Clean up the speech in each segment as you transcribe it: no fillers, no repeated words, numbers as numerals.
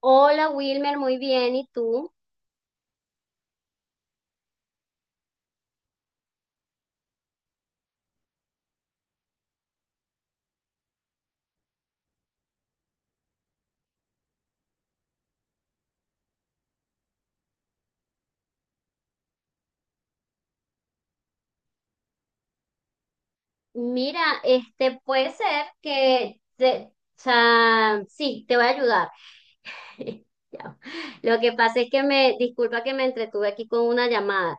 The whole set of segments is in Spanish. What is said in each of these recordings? Hola Wilmer, muy bien. ¿Y tú? Mira, puede ser que, sí, te voy a ayudar. Ya. Lo que pasa es que me, disculpa que me entretuve aquí con una llamada.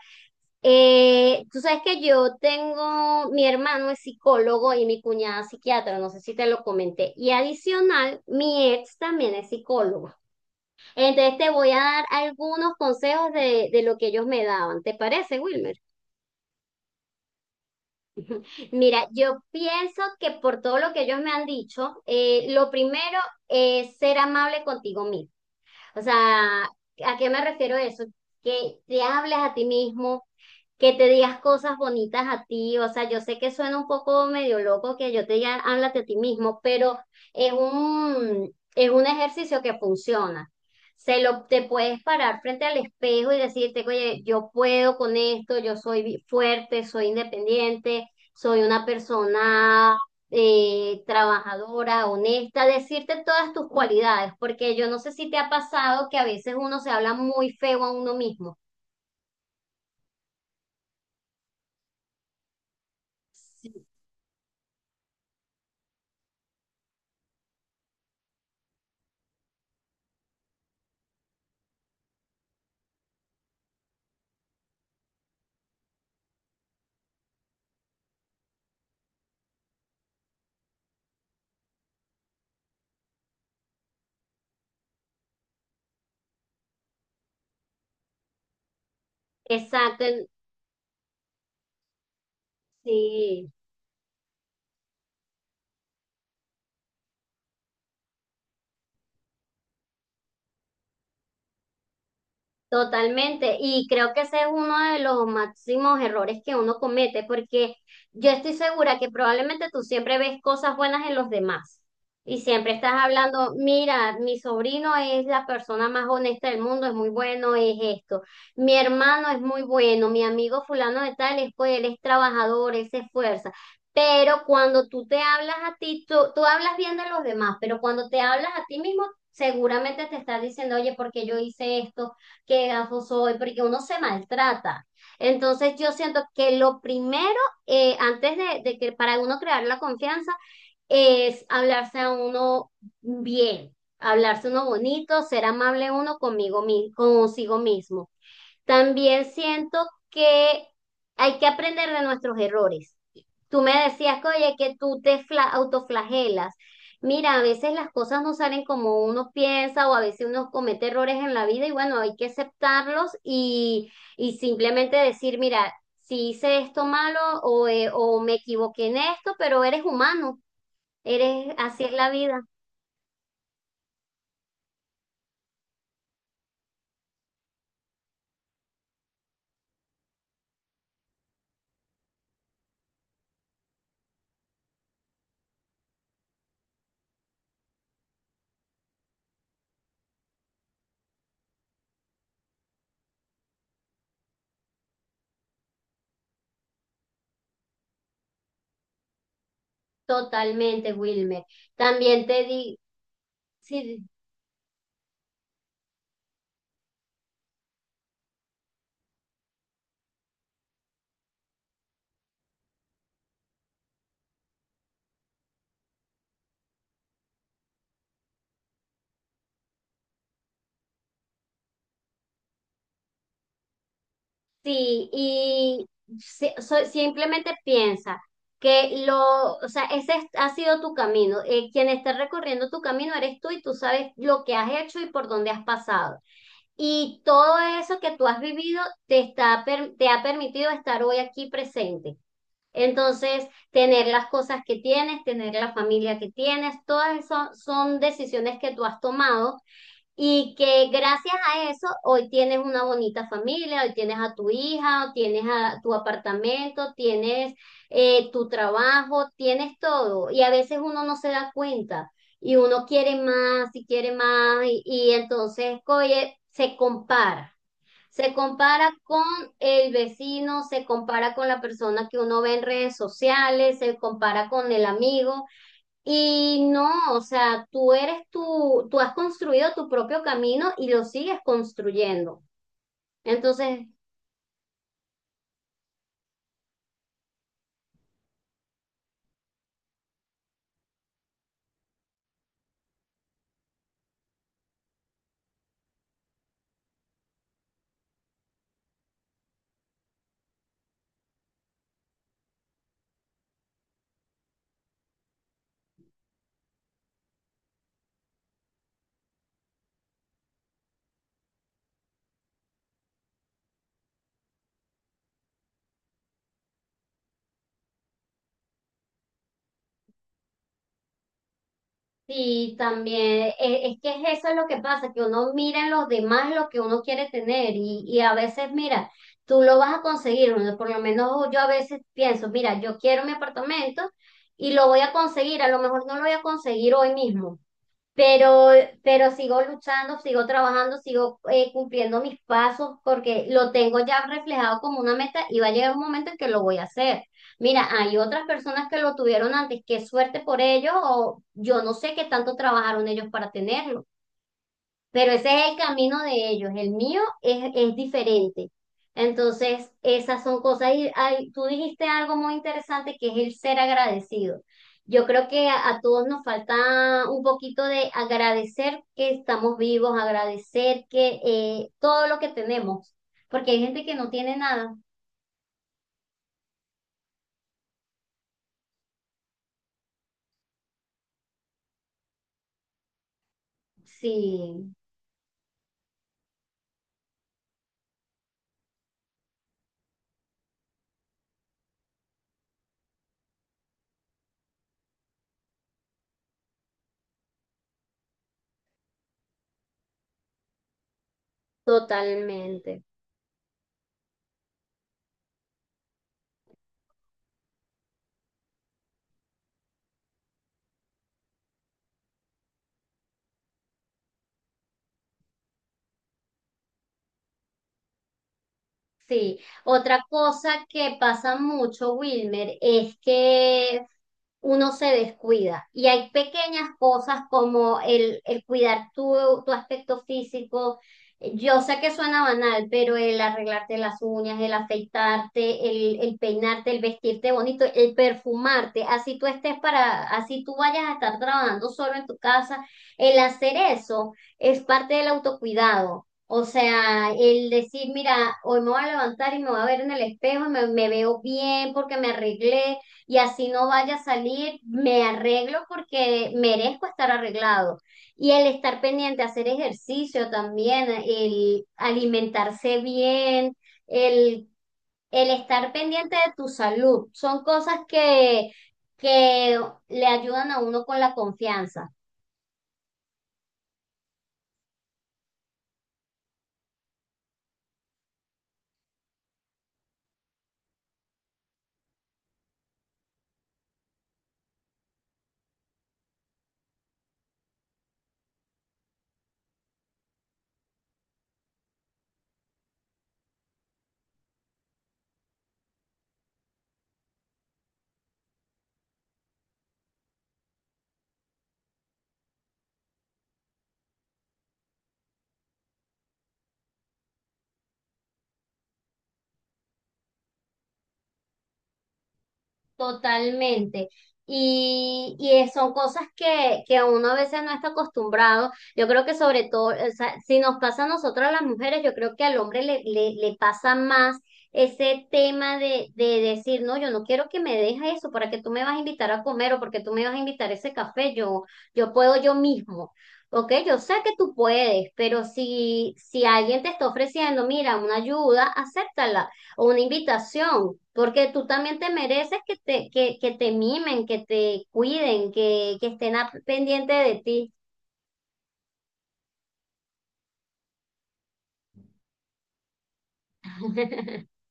Tú sabes que yo tengo, mi hermano es psicólogo y mi cuñada es psiquiatra, no sé si te lo comenté. Y adicional, mi ex también es psicólogo. Entonces te voy a dar algunos consejos de lo que ellos me daban. ¿Te parece, Wilmer? Mira, yo pienso que por todo lo que ellos me han dicho, lo primero es ser amable contigo mismo. O sea, ¿a qué me refiero eso? Que te hables a ti mismo, que te digas cosas bonitas a ti. O sea, yo sé que suena un poco medio loco que yo te diga, háblate a ti mismo, pero es un ejercicio que funciona. Te puedes parar frente al espejo y decirte, oye, yo puedo con esto, yo soy fuerte, soy independiente, soy una persona trabajadora, honesta, decirte todas tus cualidades, porque yo no sé si te ha pasado que a veces uno se habla muy feo a uno mismo. Sí, exacto, sí. Totalmente, y creo que ese es uno de los máximos errores que uno comete, porque yo estoy segura que probablemente tú siempre ves cosas buenas en los demás y siempre estás hablando, mira, mi sobrino es la persona más honesta del mundo, es muy bueno, es esto, mi hermano es muy bueno, mi amigo fulano de tal, es, pues, él es trabajador, él se esfuerza. Pero cuando tú te hablas a ti, tú hablas bien de los demás, pero cuando te hablas a ti mismo, seguramente te estás diciendo, oye, ¿por qué yo hice esto? Qué gafo soy, porque uno se maltrata. Entonces yo siento que lo primero, antes de que para uno crear la confianza, es hablarse a uno bien, hablarse uno bonito, ser amable uno conmigo, consigo mismo. También siento que hay que aprender de nuestros errores. Tú me decías que, oye, que tú te autoflagelas. Mira, a veces las cosas no salen como uno piensa o a veces uno comete errores en la vida y bueno, hay que aceptarlos y simplemente decir, mira, si hice esto malo o me equivoqué en esto, pero eres humano, eres, así es la vida. Totalmente, Wilmer. También te di, sí. Sí, y simplemente piensa que lo, o sea, ha sido tu camino. Quien está recorriendo tu camino eres tú y tú sabes lo que has hecho y por dónde has pasado. Y todo eso que tú has vivido te está, te ha permitido estar hoy aquí presente. Entonces, tener las cosas que tienes, tener la familia que tienes, todas esas son decisiones que tú has tomado y que gracias a eso hoy tienes una bonita familia, hoy tienes a tu hija, hoy tienes a tu apartamento, tienes tu trabajo, tienes todo. Y a veces uno no se da cuenta y uno quiere más y quiere más y entonces, oye, se compara. Se compara con el vecino, se compara con la persona que uno ve en redes sociales, se compara con el amigo y no, o sea, tú eres tú, tú has construido tu propio camino y lo sigues construyendo. Entonces, sí, también, es, que es eso es lo que pasa, que uno mira en los demás lo que uno quiere tener y a veces, mira, tú lo vas a conseguir, por lo menos yo a veces pienso, mira, yo quiero mi apartamento y lo voy a conseguir, a lo mejor no lo voy a conseguir hoy mismo. Pero, pero sigo luchando, sigo trabajando, sigo cumpliendo mis pasos porque lo tengo ya reflejado como una meta y va a llegar un momento en que lo voy a hacer. Mira, hay otras personas que lo tuvieron antes, qué suerte por ellos o yo no sé qué tanto trabajaron ellos para tenerlo. Pero ese es el camino de ellos, el mío es diferente. Entonces, esas son cosas. Y ay, tú dijiste algo muy interesante que es el ser agradecido. Yo creo que a todos nos falta un poquito de agradecer que estamos vivos, agradecer que todo lo que tenemos, porque hay gente que no tiene nada. Sí, totalmente. Sí. Otra cosa que pasa mucho, Wilmer, es que uno se descuida. Y hay pequeñas cosas como el cuidar tu, tu aspecto físico. Yo sé que suena banal, pero el arreglarte las uñas, el afeitarte, el peinarte, el vestirte bonito, el perfumarte, así tú estés para, así tú vayas a estar trabajando solo en tu casa, el hacer eso es parte del autocuidado. O sea, el decir, mira, hoy me voy a levantar y me voy a ver en el espejo y me veo bien porque me arreglé y así no vaya a salir, me arreglo porque merezco estar arreglado. Y el estar pendiente, hacer ejercicio también, el alimentarse bien, el, el estar pendiente de tu salud, son cosas que le ayudan a uno con la confianza. Totalmente. Y son cosas que uno a veces no está acostumbrado. Yo creo que sobre todo, o sea, si nos pasa a nosotras las mujeres, yo creo que al hombre le pasa más ese tema de decir, no, yo no quiero que me dejes eso, ¿para que tú me vas a invitar a comer o porque tú me vas a invitar ese café? Yo puedo yo mismo. Ok, yo sé que tú puedes, pero si, si alguien te está ofreciendo, mira, una ayuda, acéptala o una invitación, porque tú también te mereces que te, que te mimen, que te cuiden, que estén pendiente de ti.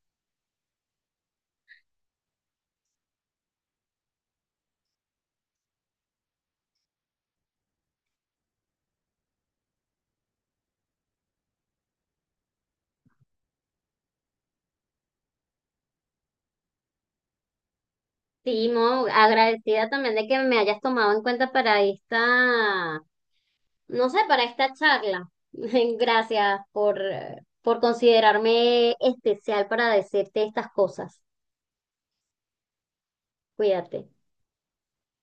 Sí, Mo, agradecida también de que me hayas tomado en cuenta para esta, no sé, para esta charla. Gracias por considerarme especial para decirte estas cosas. Cuídate.